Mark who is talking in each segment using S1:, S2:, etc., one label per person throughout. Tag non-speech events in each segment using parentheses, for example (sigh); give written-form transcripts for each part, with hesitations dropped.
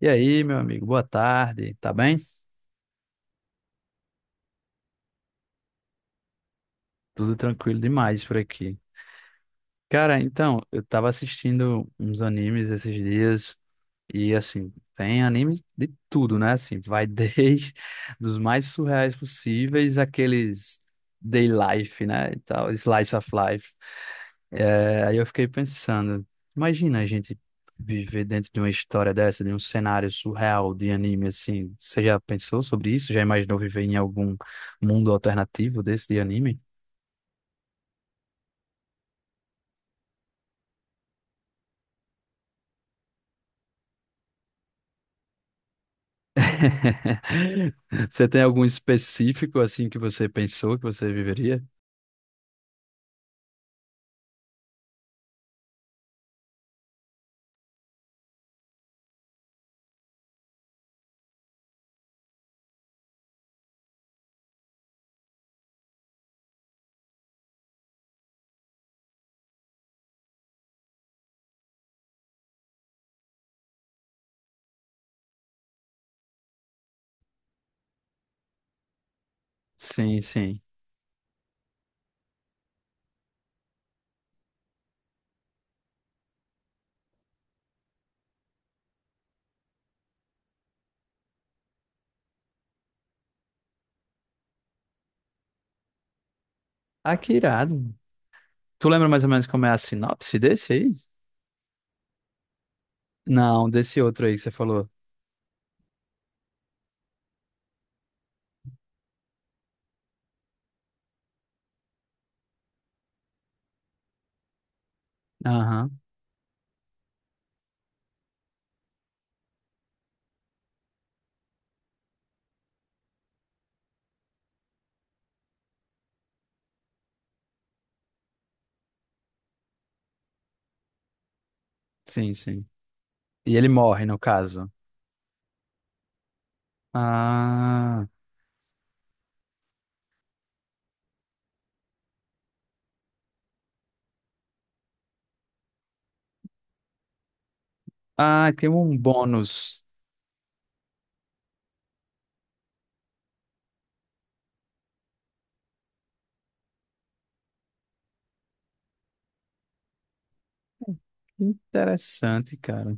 S1: E aí, meu amigo, boa tarde, tá bem? Tudo tranquilo demais por aqui. Cara, então, eu tava assistindo uns animes esses dias e assim, tem animes de tudo, né? Assim, vai desde (laughs) dos mais surreais possíveis, aqueles day life, né? E tal, slice of life. É, aí eu fiquei pensando, imagina a gente viver dentro de uma história dessa, de um cenário surreal de anime assim. Você já pensou sobre isso? Já imaginou viver em algum mundo alternativo desse de anime? (laughs) Você tem algum específico assim que você pensou que você viveria? Sim, sim. Ah, que irado. Tu lembra mais ou menos como é a sinopse desse aí? Não, desse outro aí que você falou. Aham, sim, sim. E ele morre, no caso. Ah, ah, tem um bônus. Que interessante, cara.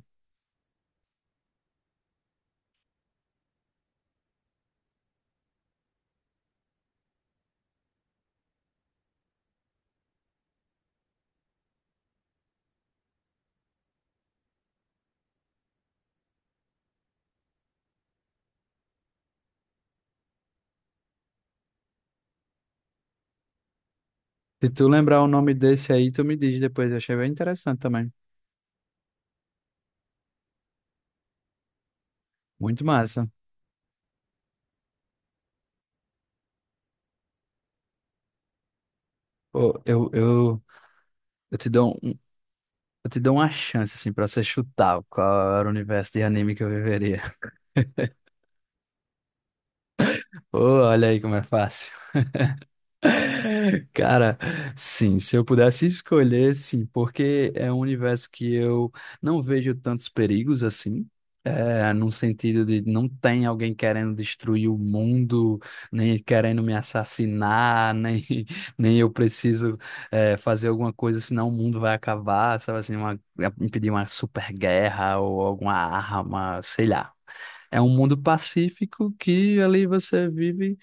S1: Se tu lembrar o nome desse aí, tu me diz depois. Eu achei bem interessante também. Muito massa. Pô, eu te dou Eu te dou uma chance, assim, pra você chutar qual era o universo de anime que eu viveria. (laughs) Ô, olha aí como é fácil. Cara, sim, se eu pudesse escolher, sim, porque é um universo que eu não vejo tantos perigos assim. É, num sentido de não tem alguém querendo destruir o mundo, nem querendo me assassinar, nem, (laughs) nem eu preciso fazer alguma coisa, senão o mundo vai acabar, sabe assim, impedir uma super guerra ou alguma arma, sei lá. É um mundo pacífico que ali você vive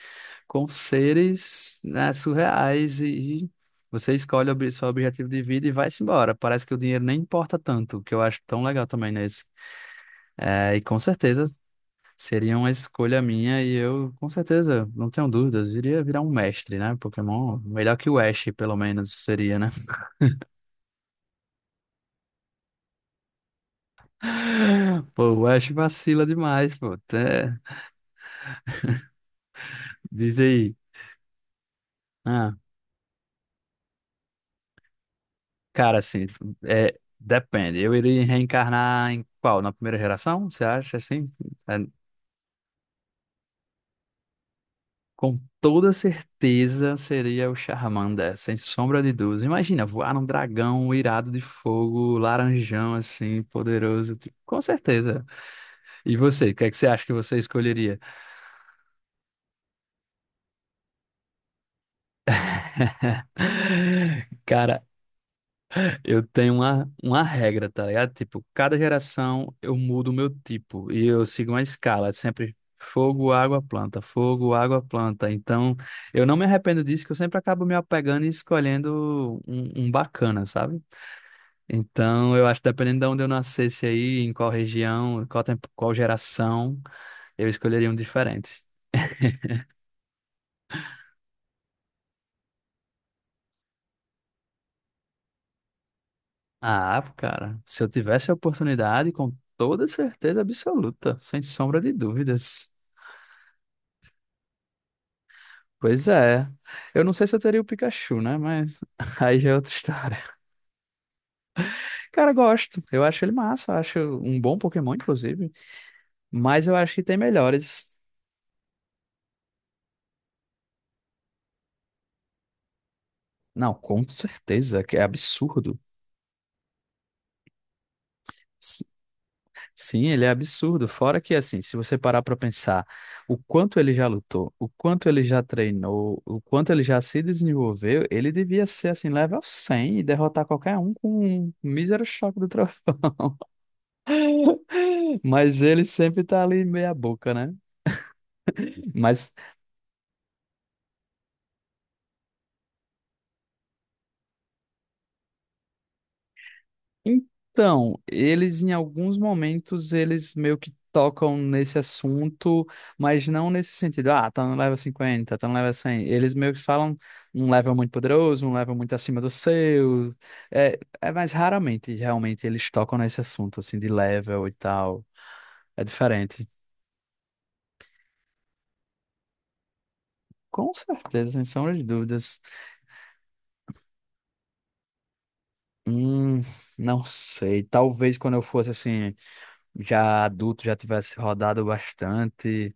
S1: com seres, né, surreais e você escolhe o seu objetivo de vida e vai-se embora. Parece que o dinheiro nem importa tanto, o que eu acho tão legal também nesse. É, e com certeza seria uma escolha minha e eu, com certeza, não tenho dúvidas, iria virar um mestre, né? Pokémon, melhor que o Ash, pelo menos, seria, né? (laughs) Pô, o Ash vacila demais, pô. Até... Diz aí. Ah, cara, assim, depende. Eu iria reencarnar em qual? Na primeira geração? Você acha assim? É. Com toda certeza seria o Charmander, sem sombra de dúvidas. Imagina, voar um dragão irado de fogo, laranjão assim, poderoso. Tipo, com certeza. E você, o que é que você acha que você escolheria? (laughs) Cara, eu tenho uma regra, tá ligado? Tipo, cada geração eu mudo o meu tipo e eu sigo uma escala, é sempre fogo, água, planta, fogo, água, planta. Então, eu não me arrependo disso, que eu sempre acabo me apegando e escolhendo um bacana, sabe? Então, eu acho que dependendo de onde eu nascesse aí, em qual região, qual tempo, qual geração, eu escolheria um diferente. Ah, cara, se eu tivesse a oportunidade, com toda certeza absoluta, sem sombra de dúvidas. Pois é. Eu não sei se eu teria o Pikachu, né? Mas (laughs) aí já é outra história. Cara, gosto. Eu acho ele massa. Eu acho um bom Pokémon, inclusive. Mas eu acho que tem melhores. Não, com certeza, que é absurdo. Sim, ele é absurdo. Fora que, assim, se você parar para pensar o quanto ele já lutou, o quanto ele já treinou, o quanto ele já se desenvolveu, ele devia ser, assim, level 100 e derrotar qualquer um com um mísero choque do trovão. (laughs) Mas ele sempre tá ali meia boca, né? Mas, então, eles em alguns momentos eles meio que tocam nesse assunto, mas não nesse sentido, ah, tá no level 50, tá no level 100. Eles meio que falam um level muito poderoso, um level muito acima do seu. É mais raramente, realmente, eles tocam nesse assunto, assim, de level e tal. É diferente. Com certeza, sem sombra de dúvidas. Hum, não sei. Talvez quando eu fosse, assim, já adulto, já tivesse rodado bastante.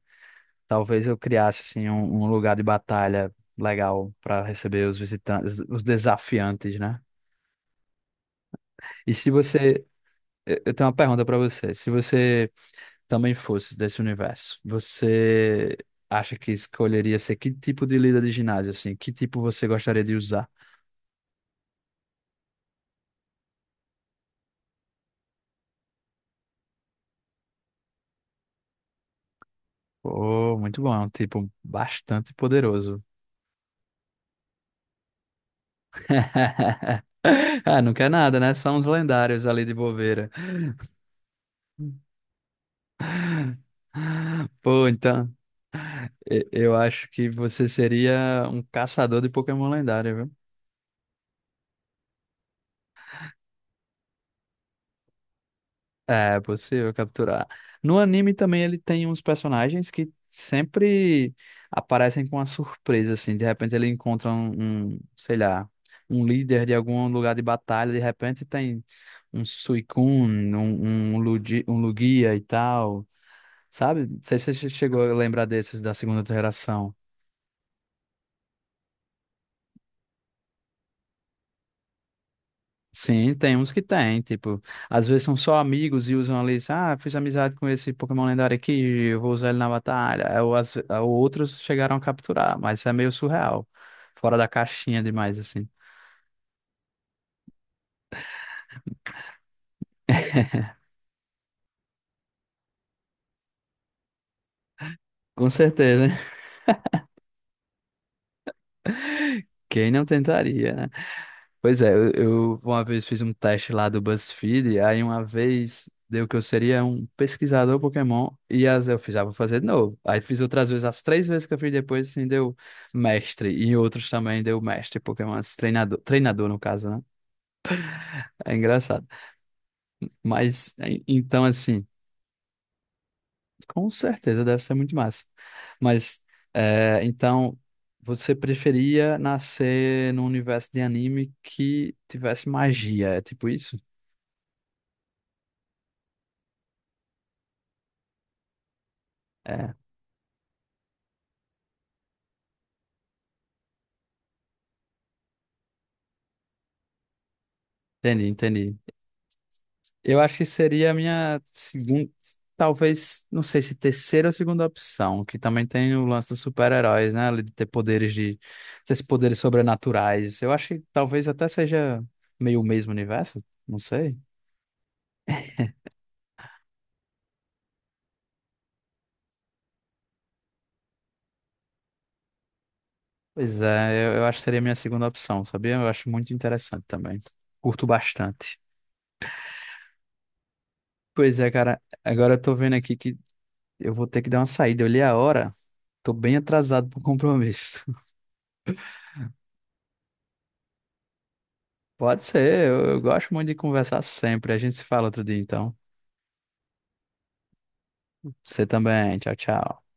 S1: Talvez eu criasse assim um lugar de batalha legal para receber os visitantes, os desafiantes, né? E se você, eu tenho uma pergunta para você. Se você também fosse desse universo, você acha que escolheria ser que tipo de líder de ginásio assim? Que tipo você gostaria de usar? Oh, muito bom, é um tipo bastante poderoso. (laughs) Ah, não quer nada, né? Só uns lendários ali de bobeira. (laughs) Pô, então. Eu acho que você seria um caçador de Pokémon lendário, viu? É possível capturar. No anime também ele tem uns personagens que sempre aparecem com uma surpresa, assim. De repente ele encontra sei lá, um líder de algum lugar de batalha. De repente tem um Suicune, um Lugia e tal, sabe? Não sei se você chegou a lembrar desses da segunda geração. Sim, tem uns que tem, tipo, às vezes são só amigos e usam ali, ah, fiz amizade com esse Pokémon lendário aqui, eu vou usar ele na batalha. Ou, ou outros chegaram a capturar, mas isso é meio surreal, fora da caixinha demais, assim. Com certeza, (laughs) quem não tentaria, né? Pois é, eu uma vez fiz um teste lá do BuzzFeed, aí uma vez deu que eu seria um pesquisador Pokémon, e as eu fiz, ah, vou fazer de novo. Aí fiz outras vezes, as três vezes que eu fiz depois, assim, deu mestre, e em outros também deu mestre Pokémon, esse treinador, treinador no caso, né? É engraçado. Mas, então, assim, com certeza deve ser muito massa. Mas, então, você preferia nascer num universo de anime que tivesse magia, é tipo isso? É. Entendi, entendi. Eu acho que seria a minha segunda, talvez, não sei se terceira ou segunda opção, que também tem o lance dos super-heróis, né? Ali de ter poderes esses poderes sobrenaturais. Eu acho que talvez até seja meio o mesmo universo, não sei. Pois é, eu acho que seria a minha segunda opção, sabia? Eu acho muito interessante também. Curto bastante. Pois é, cara, agora eu tô vendo aqui que eu vou ter que dar uma saída. Eu li a hora, tô bem atrasado pro compromisso. Pode ser, eu gosto muito de conversar sempre. A gente se fala outro dia, então. Você também. Tchau, tchau.